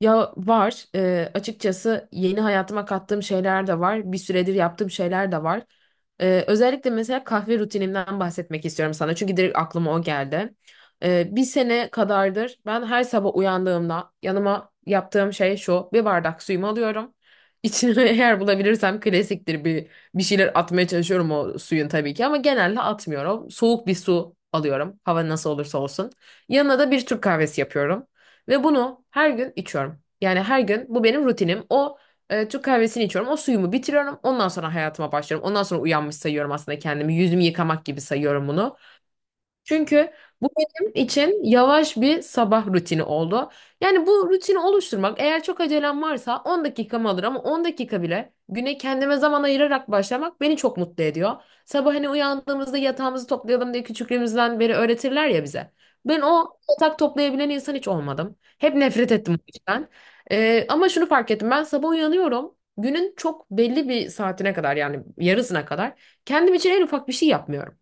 Ya var. Açıkçası yeni hayatıma kattığım şeyler de var. Bir süredir yaptığım şeyler de var. Özellikle mesela kahve rutinimden bahsetmek istiyorum sana. Çünkü direkt aklıma o geldi. Bir sene kadardır ben her sabah uyandığımda yanıma yaptığım şey şu. Bir bardak suyumu alıyorum. İçine eğer bulabilirsem klasiktir bir şeyler atmaya çalışıyorum o suyun tabii ki ama genelde atmıyorum. Soğuk bir su alıyorum. Hava nasıl olursa olsun. Yanına da bir Türk kahvesi yapıyorum. Ve bunu her gün içiyorum. Yani her gün bu benim rutinim. O Türk kahvesini içiyorum. O suyumu bitiriyorum. Ondan sonra hayatıma başlıyorum. Ondan sonra uyanmış sayıyorum aslında kendimi. Yüzümü yıkamak gibi sayıyorum bunu. Çünkü bu benim için yavaş bir sabah rutini oldu. Yani bu rutini oluşturmak, eğer çok acelem varsa, 10 dakikamı alır, ama 10 dakika bile güne kendime zaman ayırarak başlamak beni çok mutlu ediyor. Sabah hani uyandığımızda yatağımızı toplayalım diye küçüklüğümüzden beri öğretirler ya bize. Ben o yatak toplayabilen insan hiç olmadım. Hep nefret ettim bu işten. Ama şunu fark ettim, ben sabah uyanıyorum. Günün çok belli bir saatine kadar, yani yarısına kadar, kendim için en ufak bir şey yapmıyorum.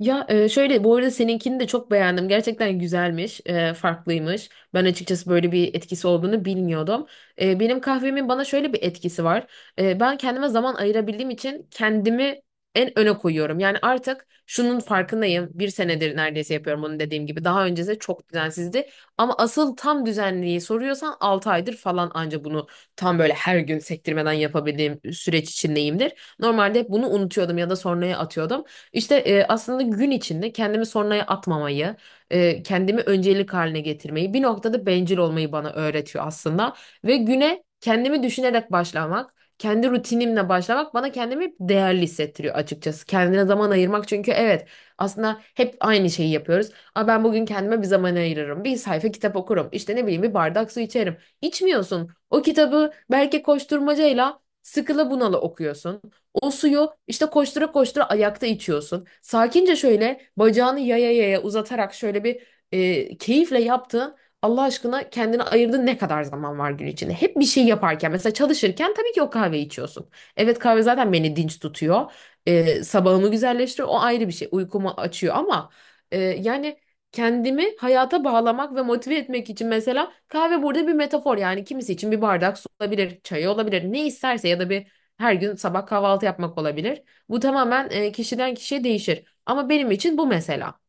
Ya şöyle, bu arada seninkini de çok beğendim. Gerçekten güzelmiş, farklıymış. Ben açıkçası böyle bir etkisi olduğunu bilmiyordum. Benim kahvemin bana şöyle bir etkisi var. Ben kendime zaman ayırabildiğim için kendimi en öne koyuyorum. Yani artık şunun farkındayım. Bir senedir neredeyse yapıyorum bunu, dediğim gibi. Daha öncesi de çok düzensizdi. Ama asıl tam düzenliği soruyorsan 6 aydır falan anca bunu tam böyle her gün sektirmeden yapabildiğim süreç içindeyimdir. Normalde hep bunu unutuyordum ya da sonraya atıyordum. İşte aslında gün içinde kendimi sonraya atmamayı, kendimi öncelik haline getirmeyi, bir noktada bencil olmayı bana öğretiyor aslında. Ve güne kendimi düşünerek başlamak, kendi rutinimle başlamak bana kendimi değerli hissettiriyor açıkçası. Kendine zaman ayırmak, çünkü evet, aslında hep aynı şeyi yapıyoruz. Aa, ben bugün kendime bir zaman ayırırım, bir sayfa kitap okurum, İşte ne bileyim bir bardak su içerim. İçmiyorsun. O kitabı belki koşturmacayla, sıkıla bunalı okuyorsun. O suyu işte koştura koştura ayakta içiyorsun. Sakince şöyle bacağını yaya yaya uzatarak şöyle bir keyifle yaptığın, Allah aşkına, kendine ayırdığın ne kadar zaman var gün içinde? Hep bir şey yaparken, mesela çalışırken, tabii ki o kahve içiyorsun. Evet, kahve zaten beni dinç tutuyor. Sabahımı güzelleştiriyor. O ayrı bir şey. Uykumu açıyor, ama yani kendimi hayata bağlamak ve motive etmek için, mesela kahve burada bir metafor, yani kimisi için bir bardak su olabilir, çay olabilir, ne isterse, ya da bir her gün sabah kahvaltı yapmak olabilir. Bu tamamen kişiden kişiye değişir. Ama benim için bu, mesela.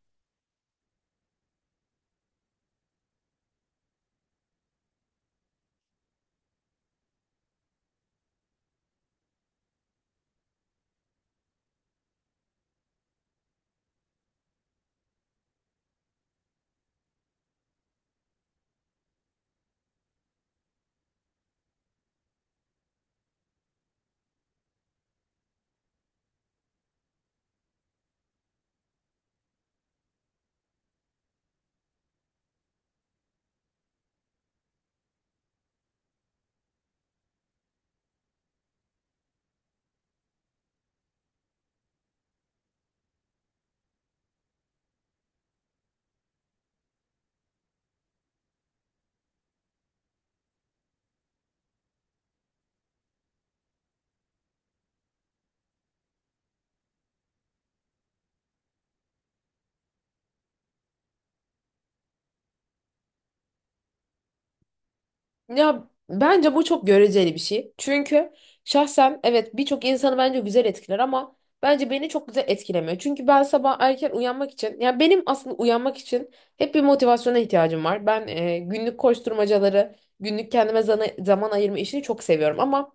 Ya bence bu çok göreceli bir şey. Çünkü şahsen evet, birçok insanı bence güzel etkiler, ama bence beni çok güzel etkilemiyor. Çünkü ben sabah erken uyanmak için, ya benim aslında uyanmak için hep bir motivasyona ihtiyacım var. Ben günlük koşturmacaları, günlük kendime zaman ayırma işini çok seviyorum, ama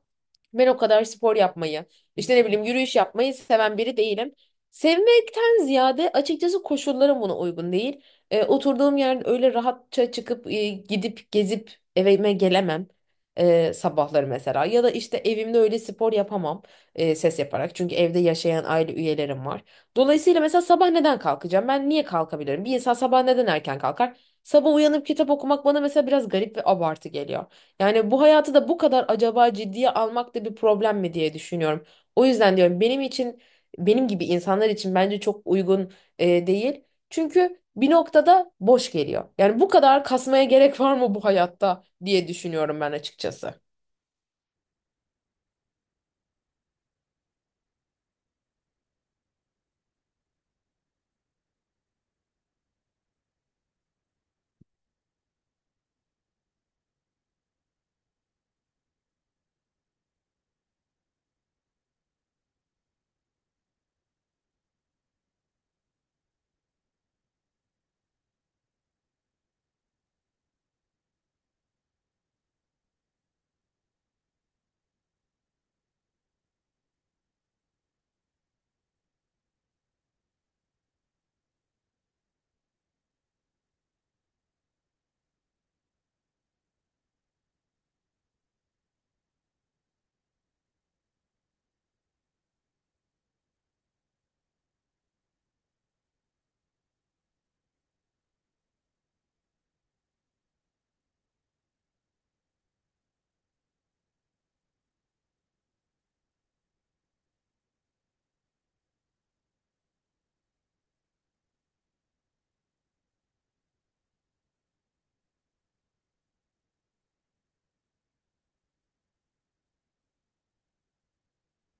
ben o kadar spor yapmayı, işte ne bileyim yürüyüş yapmayı seven biri değilim. Sevmekten ziyade açıkçası koşullarım buna uygun değil. Oturduğum yerde öyle rahatça çıkıp gidip gezip evime gelemem sabahları mesela, ya da işte evimde öyle spor yapamam ses yaparak, çünkü evde yaşayan aile üyelerim var. Dolayısıyla, mesela sabah neden kalkacağım? Ben niye kalkabilirim? Bir insan sabah neden erken kalkar? Sabah uyanıp kitap okumak bana mesela biraz garip ve abartı geliyor. Yani bu hayatı da bu kadar acaba ciddiye almak da bir problem mi diye düşünüyorum. O yüzden diyorum, benim için, benim gibi insanlar için bence çok uygun değil. Çünkü bir noktada boş geliyor. Yani bu kadar kasmaya gerek var mı bu hayatta diye düşünüyorum ben açıkçası.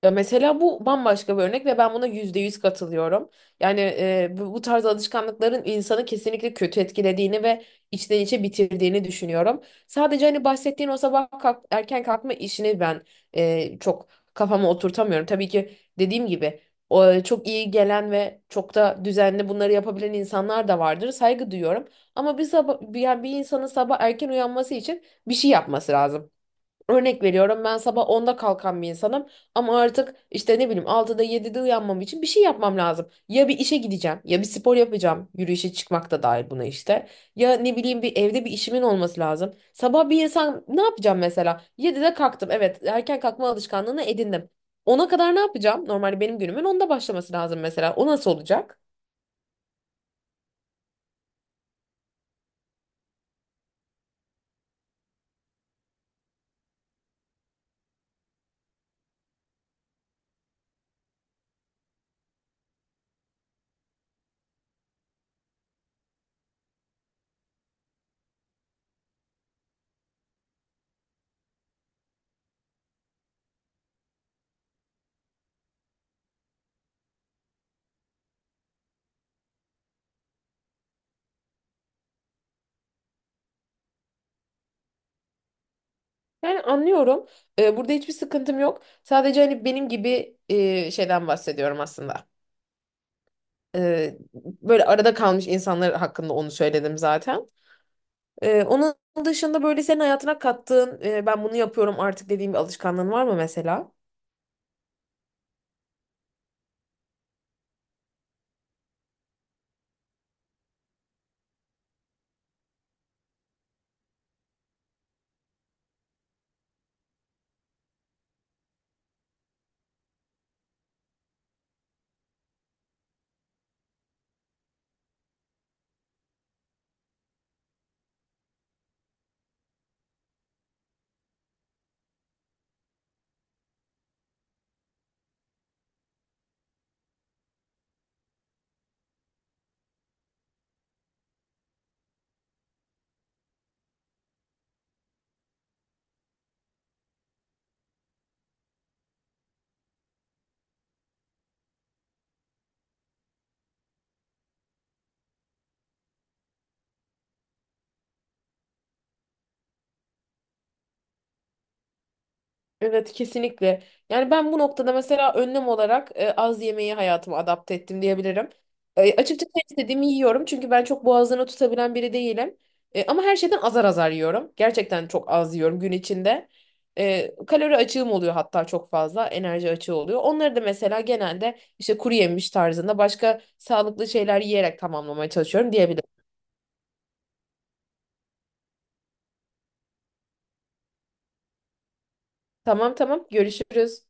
Ya mesela bu bambaşka bir örnek ve ben buna yüzde yüz katılıyorum. Yani bu tarz alışkanlıkların insanı kesinlikle kötü etkilediğini ve içten içe bitirdiğini düşünüyorum. Sadece hani bahsettiğin o sabah kalk, erken kalkma işini ben çok kafama oturtamıyorum. Tabii ki dediğim gibi, çok iyi gelen ve çok da düzenli bunları yapabilen insanlar da vardır. Saygı duyuyorum. Ama bir sabah, bir, yani bir insanın sabah erken uyanması için bir şey yapması lazım. Örnek veriyorum, ben sabah onda kalkan bir insanım, ama artık işte ne bileyim altıda yedide uyanmam için bir şey yapmam lazım. Ya bir işe gideceğim, ya bir spor yapacağım, yürüyüşe çıkmak da dahil buna işte. Ya ne bileyim bir evde bir işimin olması lazım. Sabah bir insan ne yapacağım mesela? Yedide kalktım, evet, erken kalkma alışkanlığını edindim. Ona kadar ne yapacağım? Normalde benim günümün onda başlaması lazım mesela. O nasıl olacak? Yani anlıyorum. Burada hiçbir sıkıntım yok. Sadece hani benim gibi şeyden bahsediyorum aslında. Ee, Böyle arada kalmış insanlar hakkında onu söyledim zaten. Onun dışında böyle senin hayatına kattığın, ben bunu yapıyorum artık dediğin bir alışkanlığın var mı mesela? Evet, kesinlikle. Yani ben bu noktada mesela önlem olarak az yemeği hayatıma adapte ettim diyebilirim. Açıkçası ne istediğimi yiyorum, çünkü ben çok boğazını tutabilen biri değilim. Ama her şeyden azar azar yiyorum. Gerçekten çok az yiyorum gün içinde. Kalori açığım oluyor, hatta çok fazla enerji açığı oluyor. Onları da mesela genelde işte kuru yemiş tarzında başka sağlıklı şeyler yiyerek tamamlamaya çalışıyorum diyebilirim. Tamam tamam, görüşürüz.